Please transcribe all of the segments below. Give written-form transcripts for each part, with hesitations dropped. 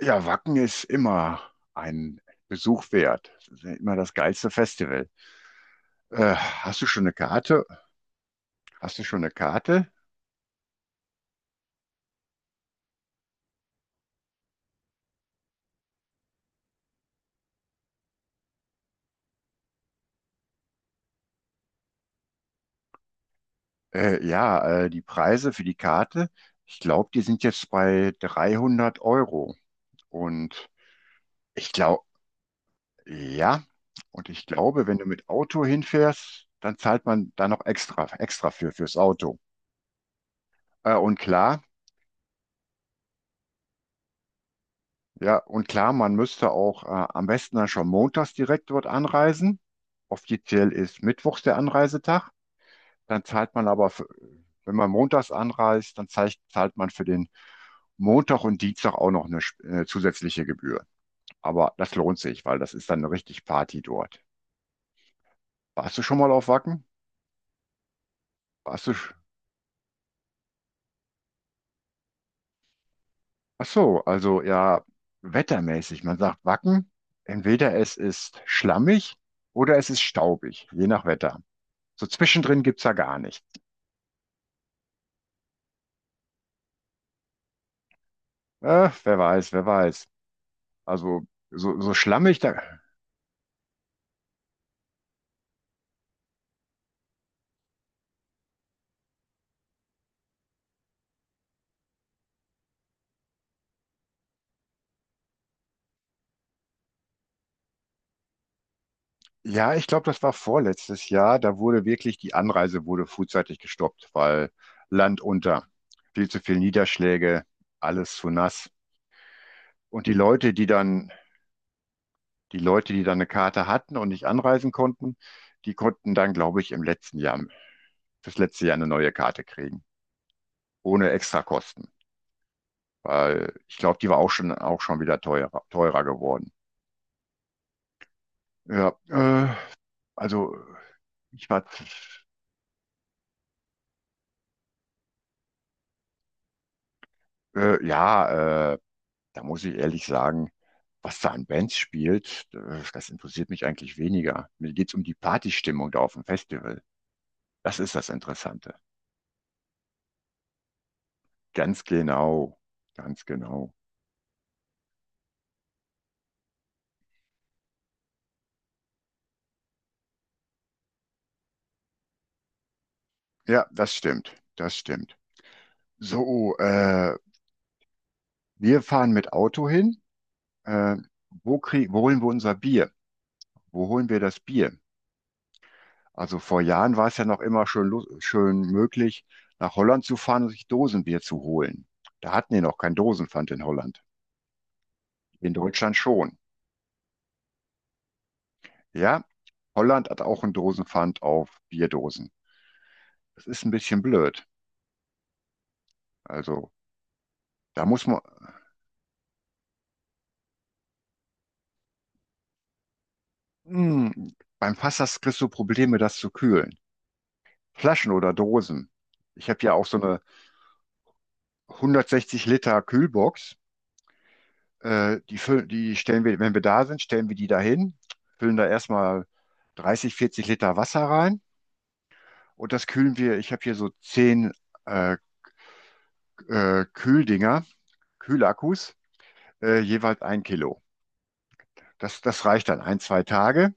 Ja, Wacken ist immer ein Besuch wert. Das ist ja immer das geilste Festival. Hast du schon eine Karte? Hast du schon eine Karte? Ja, die Preise für die Karte, ich glaube, die sind jetzt bei 300 Euro. Und ich glaube, ja, wenn du mit Auto hinfährst, dann zahlt man da noch extra fürs Auto. Äh, und klar, Ja, und klar, man müsste auch am besten dann schon montags direkt dort anreisen. Offiziell ist mittwochs der Anreisetag. Dann zahlt man aber, wenn man montags anreist, dann zahlt man für den Montag und Dienstag auch noch eine, zusätzliche Gebühr. Aber das lohnt sich, weil das ist dann eine richtig Party dort. Warst du schon mal auf Wacken? Warst du? sch- Ach so, also ja, wettermäßig. Man sagt Wacken, entweder es ist schlammig oder es ist staubig, je nach Wetter. So zwischendrin gibt's ja gar nichts. Wer weiß, wer weiß. Also so schlammig da. Ja, ich glaube, das war vorletztes Jahr. Da wurde wirklich die Anreise wurde frühzeitig gestoppt, weil Land unter, viel zu viel Niederschläge, alles zu nass. Und die Leute, die dann eine Karte hatten und nicht anreisen konnten, die konnten dann, glaube ich, fürs letzte Jahr eine neue Karte kriegen, ohne Extrakosten. Weil ich glaube, die war auch schon wieder teurer, geworden. Ja, also ich war ja, da muss ich ehrlich sagen, was da an Bands spielt, das interessiert mich eigentlich weniger. Mir geht's um die Partystimmung da auf dem Festival. Das ist das Interessante. Ganz genau, ganz genau. Ja, das stimmt, das stimmt. So, wir fahren mit Auto hin. Äh, wo holen wir unser Bier? Wo holen wir das Bier? Also vor Jahren war es ja noch immer schön, schön möglich, nach Holland zu fahren und sich Dosenbier zu holen. Da hatten die noch kein Dosenpfand in Holland. In Deutschland schon. Ja, Holland hat auch einen Dosenpfand auf Bierdosen. Das ist ein bisschen blöd. Also, da muss man, hm, beim Fass kriegst du Probleme, das zu kühlen. Flaschen oder Dosen. Ich habe ja auch so eine 160 Liter Kühlbox. Die stellen wir, wenn wir da sind, stellen wir die dahin, füllen da erstmal 30, 40 Liter Wasser rein und das kühlen wir. Ich habe hier so 10 äh, äh, Kühldinger, Kühlakkus, jeweils ein Kilo. Das reicht dann ein, zwei Tage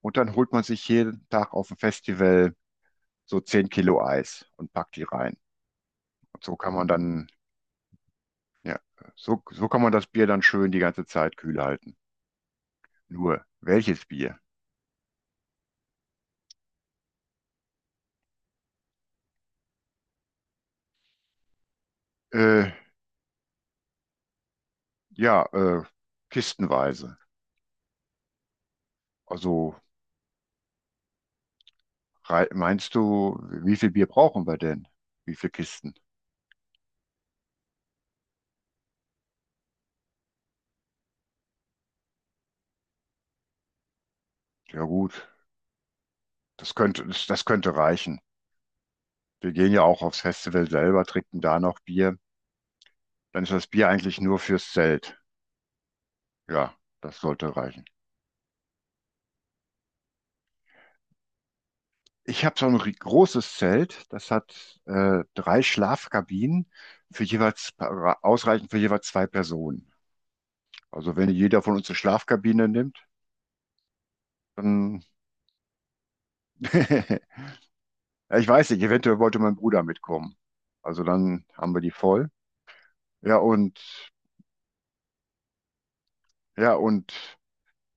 und dann holt man sich jeden Tag auf dem Festival so 10 Kilo Eis und packt die rein. Und ja, so kann man das Bier dann schön die ganze Zeit kühl halten. Nur, welches Bier? Äh, ja, kistenweise. Also meinst du, wie viel Bier brauchen wir denn? Wie viele Kisten? Ja gut, das könnte reichen. Wir gehen ja auch aufs Festival selber, trinken da noch Bier. Dann ist das Bier eigentlich nur fürs Zelt. Ja, das sollte reichen. Ich habe so ein großes Zelt, das hat drei Schlafkabinen für jeweils ausreichend für jeweils zwei Personen. Also wenn jeder von uns eine Schlafkabine nimmt, dann ja, ich weiß nicht, eventuell wollte mein Bruder mitkommen. Also dann haben wir die voll. Ja und ja und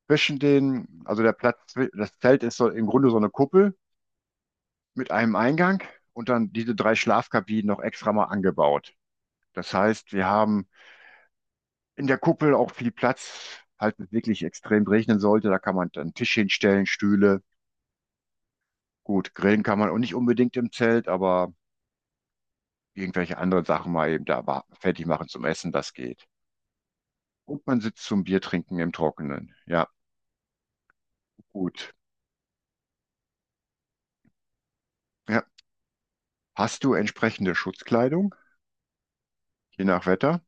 also der Platz, das Zelt ist so im Grunde so eine Kuppel mit einem Eingang und dann diese drei Schlafkabinen noch extra mal angebaut. Das heißt, wir haben in der Kuppel auch viel Platz, falls es wirklich extrem regnen sollte. Da kann man dann einen Tisch hinstellen, Stühle. Gut, grillen kann man auch nicht unbedingt im Zelt, aber irgendwelche anderen Sachen mal eben da fertig machen zum Essen, das geht. Und man sitzt zum Bier trinken im Trockenen. Ja, gut. Ja. Hast du entsprechende Schutzkleidung, je nach Wetter?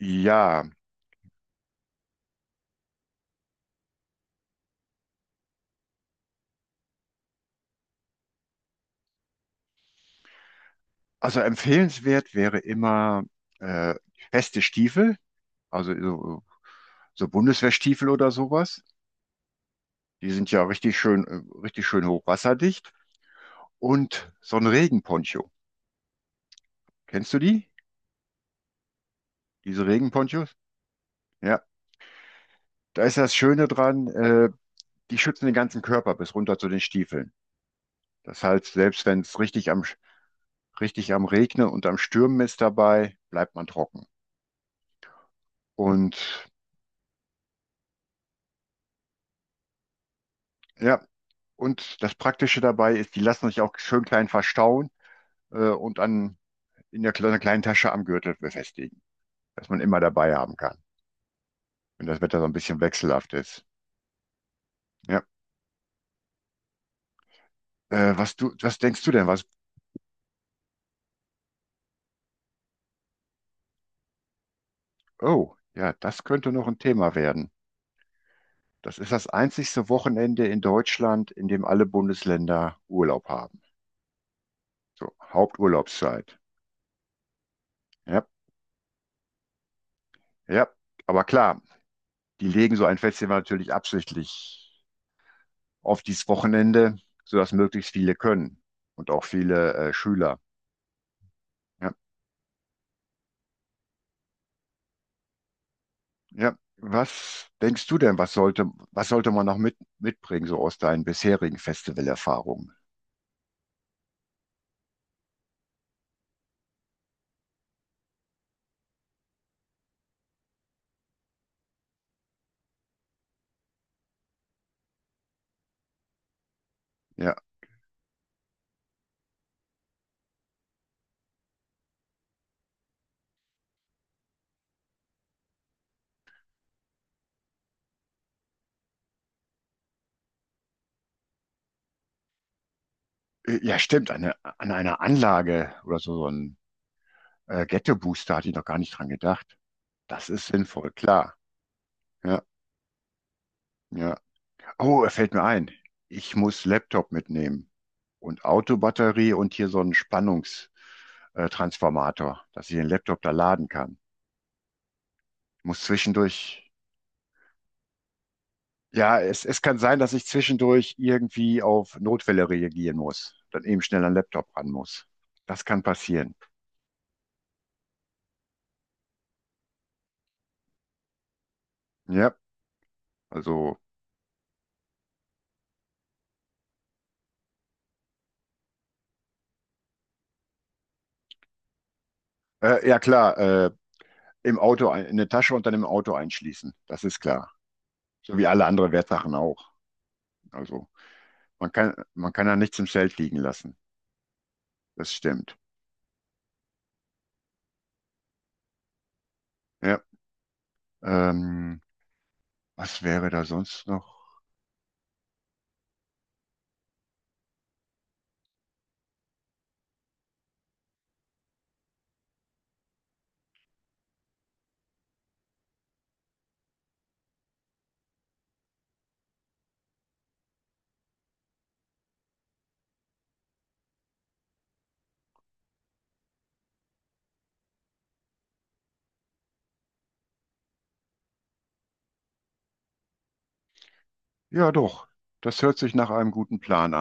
Ja, also empfehlenswert wäre immer äh, feste Stiefel, also so Bundeswehrstiefel oder sowas. Die sind ja richtig schön hochwasserdicht. Und so ein Regenponcho. Kennst du die? Diese Regenponchos? Ja, da ist das Schöne dran, die schützen den ganzen Körper bis runter zu den Stiefeln. Das heißt, selbst wenn es richtig am Regnen und am Stürmen ist dabei, bleibt man trocken. Und ja, und das Praktische dabei ist, die lassen sich auch schön klein verstauen und an, in der, kle- einer kleinen Tasche am Gürtel befestigen, dass man immer dabei haben kann, wenn das Wetter so ein bisschen wechselhaft ist. Ja, was denkst du denn? Was Oh, ja, das könnte noch ein Thema werden. Das ist das einzigste Wochenende in Deutschland, in dem alle Bundesländer Urlaub haben. So, Haupturlaubszeit. Ja, ja. Aber klar, die legen so ein Festival natürlich absichtlich auf dieses Wochenende, sodass möglichst viele können und auch viele Schüler. Ja, ja. Was denkst du denn, was sollte man noch mitbringen, so aus deinen bisherigen Festivalerfahrungen? Ja. Ja, stimmt, an einer Anlage oder so ein Ghetto-Booster hatte ich noch gar nicht dran gedacht. Das ist sinnvoll, klar. Ja, ja. Oh, er fällt mir ein. Ich muss Laptop mitnehmen und Autobatterie und hier so einen Spannungs Transformator, dass ich den Laptop da laden kann. Ich muss zwischendurch, ja, es kann sein, dass ich zwischendurch irgendwie auf Notfälle reagieren muss, dann eben schnell an den Laptop ran muss. Das kann passieren. Ja, also, ja klar, im Auto, in eine Tasche und dann im Auto einschließen. Das ist klar. So wie alle anderen Wertsachen auch. Also man kann da nichts im Zelt liegen lassen. Das stimmt. Ja. Ähm, was wäre da sonst noch? Ja, doch. Das hört sich nach einem guten Plan an.